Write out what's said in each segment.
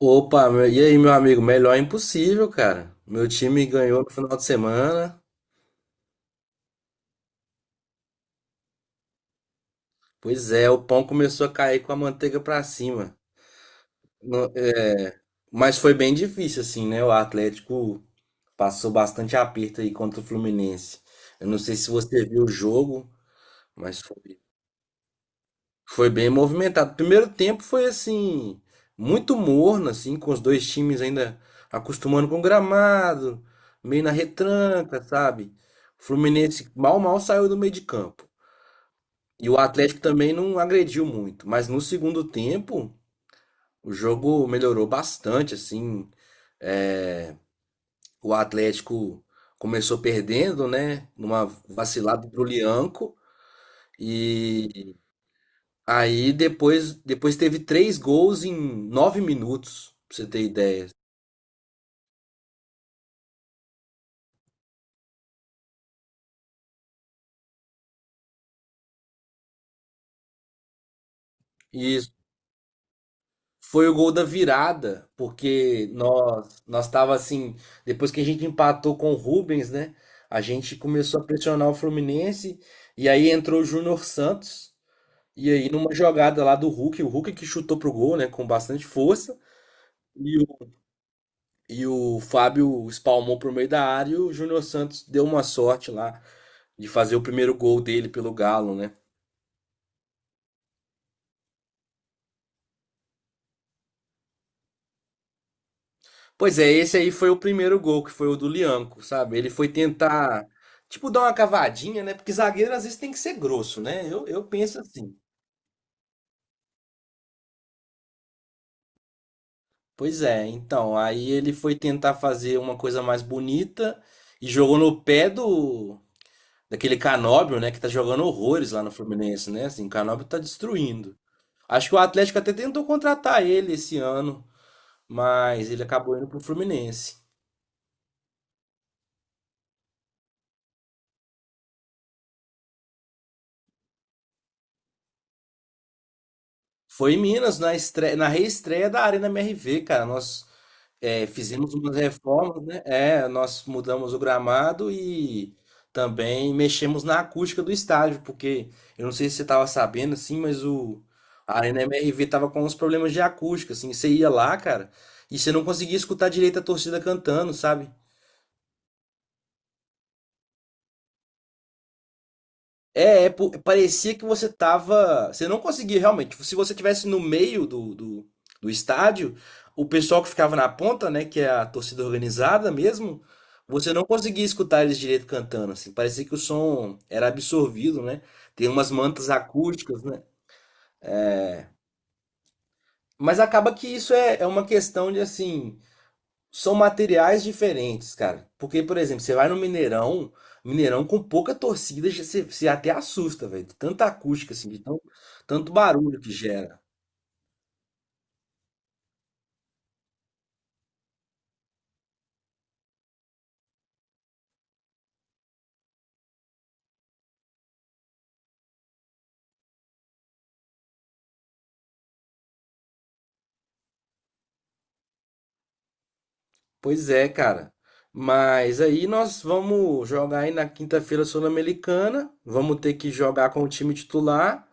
Opa, e aí, meu amigo? Melhor é impossível, cara. Meu time ganhou no final de semana. Pois é, o pão começou a cair com a manteiga pra cima. No- é, Mas foi bem difícil, assim, né? O Atlético passou bastante aperto aí contra o Fluminense. Eu não sei se você viu o jogo, mas foi bem movimentado. Primeiro tempo foi assim, muito morno, assim, com os dois times ainda acostumando com o gramado, meio na retranca, sabe? O Fluminense mal saiu do meio de campo. E o Atlético também não agrediu muito. Mas no segundo tempo, o jogo melhorou bastante, assim. É, O Atlético começou perdendo, né? Numa vacilada pro Lianco. Aí depois teve três gols em 9 minutos, pra você ter ideia. E foi o gol da virada, porque nós tava assim, depois que a gente empatou com o Rubens, né? A gente começou a pressionar o Fluminense e aí entrou o Júnior Santos. E aí numa jogada lá do Hulk, o Hulk que chutou pro gol, né, com bastante força, e o, e o Fábio espalmou pro meio da área e o Júnior Santos deu uma sorte lá de fazer o primeiro gol dele pelo Galo, né? Pois é, esse aí foi o primeiro gol, que foi o do Lianco, sabe? Ele foi tentar, tipo, dar uma cavadinha, né? Porque zagueiro às vezes tem que ser grosso, né? Eu penso assim. Pois é, então, aí ele foi tentar fazer uma coisa mais bonita e jogou no pé do daquele Canóbio, né? Que tá jogando horrores lá no Fluminense, né? Assim, o Canóbio tá destruindo. Acho que o Atlético até tentou contratar ele esse ano, mas ele acabou indo pro Fluminense. Foi em Minas, na estreia, na reestreia da Arena MRV, cara. Fizemos umas reformas, né? É, nós mudamos o gramado e também mexemos na acústica do estádio, porque eu não sei se você estava sabendo, assim, mas o a Arena MRV tava com uns problemas de acústica, assim, você ia lá, cara, e você não conseguia escutar direito a torcida cantando, sabe? Parecia que você tava. Você não conseguia realmente. Se você tivesse no meio do estádio, o pessoal que ficava na ponta, né, que é a torcida organizada mesmo, você não conseguia escutar eles direito cantando, assim. Parecia que o som era absorvido, né? Tem umas mantas acústicas, né? Mas acaba que isso é uma questão de, assim, são materiais diferentes, cara. Porque, por exemplo, você vai no Mineirão, Mineirão com pouca torcida, você até assusta, velho, de tanta acústica, assim, de tanto barulho que gera. Pois é, cara. Mas aí nós vamos jogar aí na quinta-feira Sul-Americana. Vamos ter que jogar com o time titular,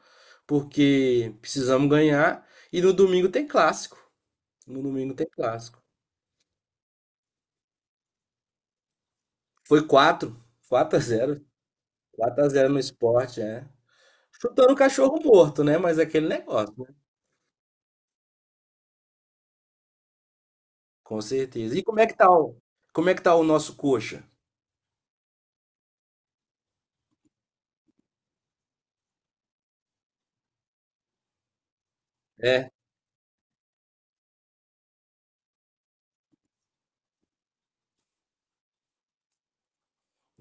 porque precisamos ganhar. E no domingo tem clássico. No domingo tem clássico. Foi 4, 4-0, 4-0 no esporte, é. Chutando o cachorro morto, né? Mas é aquele negócio, né? Com certeza. E como é que tá o nosso coxa? É,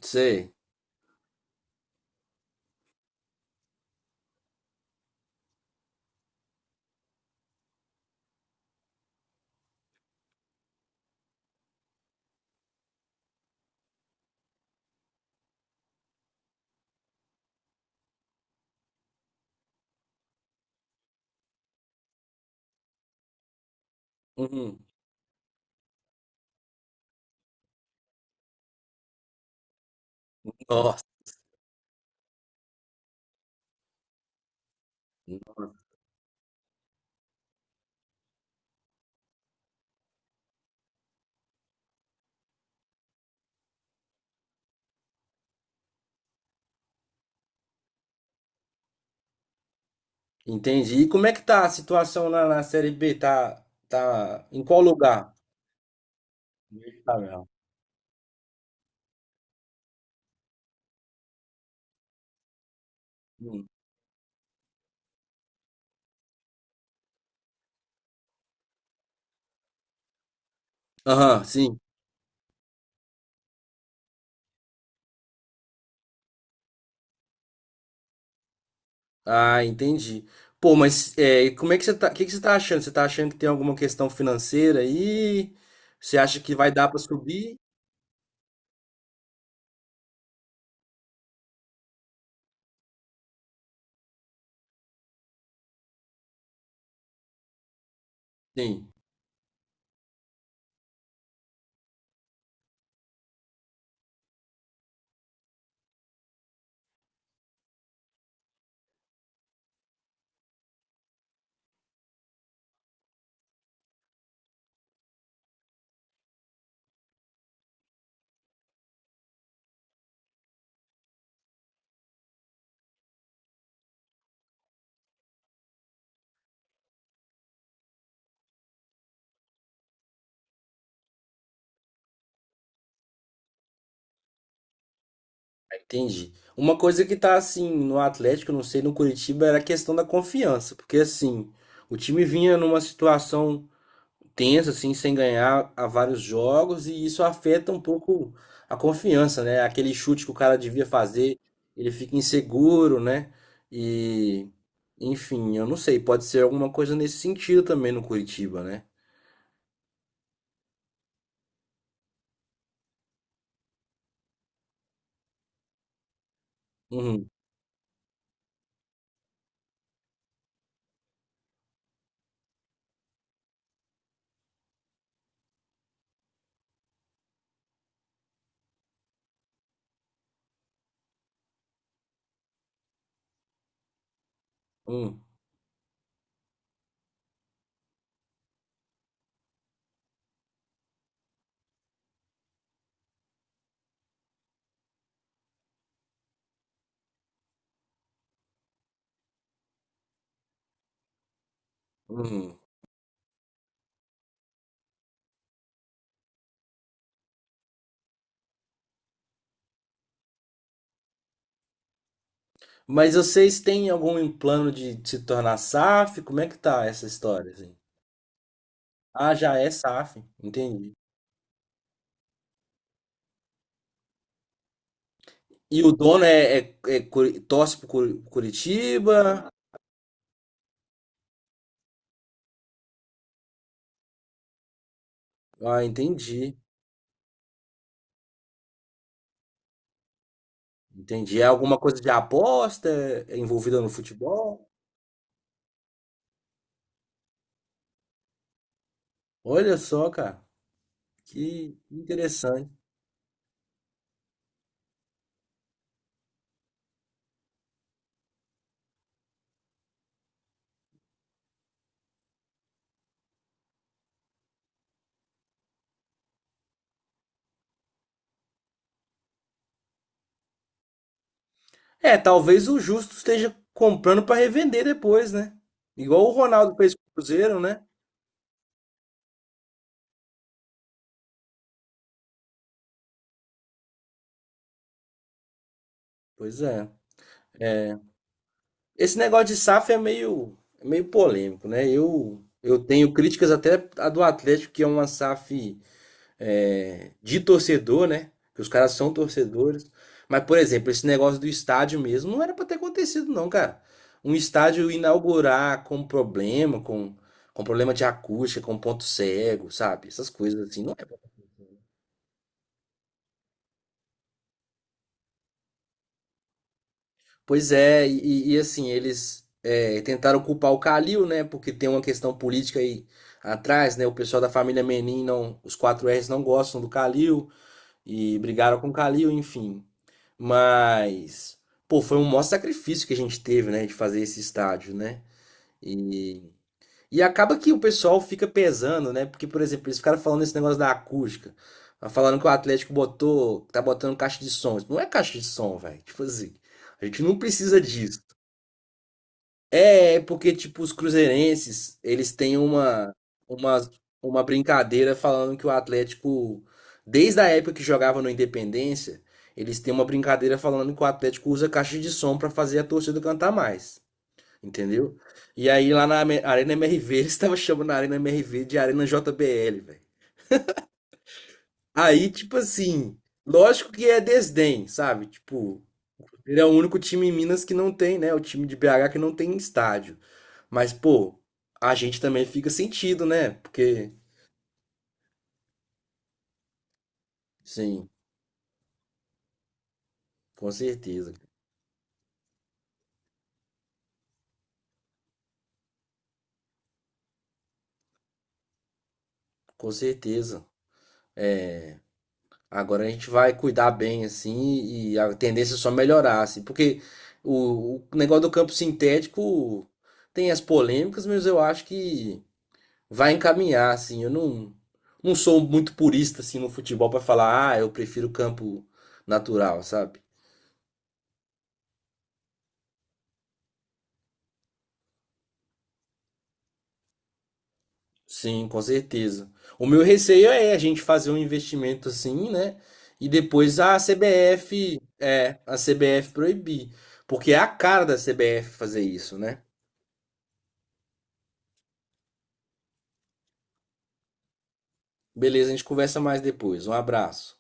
sei. Uhum. Nossa, entendi. E como é que tá a situação na Série B? Tá em qual lugar? Tá mesmo. Hum. Aham, sim. Ah, entendi. Pô, mas e como é que você tá, o que que você tá achando? Você tá achando que tem alguma questão financeira aí? Você acha que vai dar pra subir? Sim. Entendi. Uma coisa que tá assim no Atlético, não sei, no Curitiba, era a questão da confiança, porque assim, o time vinha numa situação tensa, assim, sem ganhar há vários jogos, e isso afeta um pouco a confiança, né? Aquele chute que o cara devia fazer, ele fica inseguro, né? E, enfim, eu não sei, pode ser alguma coisa nesse sentido também no Curitiba, né? Uhum, uhum, uhum. Mas vocês têm algum plano de se tornar SAF? Como é que tá essa história, assim? Ah, já é SAF, entendi. E o dono torce pro Curitiba? Ah, entendi. Entendi. É alguma coisa de aposta envolvida no futebol? Olha só, cara, que interessante. É, talvez o Justo esteja comprando para revender depois, né? Igual o Ronaldo fez com o Cruzeiro, né? Pois é. Esse negócio de SAF é meio polêmico, né? Eu tenho críticas até a do Atlético, que é uma SAF de torcedor, né? Que os caras são torcedores. Mas, por exemplo, esse negócio do estádio mesmo não era pra ter acontecido, não, cara. Um estádio inaugurar com problema, com problema de acústica, com ponto cego, sabe? Essas coisas assim, não é bom. Pois é, e assim, eles tentaram culpar o Calil, né? Porque tem uma questão política aí atrás, né? O pessoal da família Menin, não, os quatro rs não gostam do Calil e brigaram com o Calil, enfim. Mas, pô, foi um maior sacrifício que a gente teve, né, de fazer esse estádio, né? E, e acaba que o pessoal fica pesando, né? Porque, por exemplo, eles ficaram falando esse negócio da acústica. Falando que o Atlético botou, tá botando caixa de som. Isso não é caixa de som, velho. Tipo assim, a gente não precisa disso. É, é porque, tipo, os cruzeirenses, eles têm uma, uma brincadeira falando que o Atlético, desde a época que jogava no Independência, eles têm uma brincadeira falando que o Atlético usa caixa de som pra fazer a torcida cantar mais, entendeu? E aí lá na Arena MRV, eles estavam chamando a Arena MRV de Arena JBL, velho. Aí, tipo assim, lógico que é desdém, sabe? Tipo, ele é o único time em Minas que não tem, né? O time de BH que não tem estádio. Mas, pô, a gente também fica sentido, né? Porque, sim, com certeza, com certeza. Agora a gente vai cuidar bem, assim, e a tendência é só melhorar, assim, porque o negócio do campo sintético tem as polêmicas, mas eu acho que vai encaminhar, assim. Eu não sou muito purista, assim, no futebol para falar, ah, eu prefiro campo natural, sabe? Sim, com certeza. O meu receio é a gente fazer um investimento assim, né? E depois a CBF proibir. Porque é a cara da CBF fazer isso, né? Beleza, a gente conversa mais depois. Um abraço.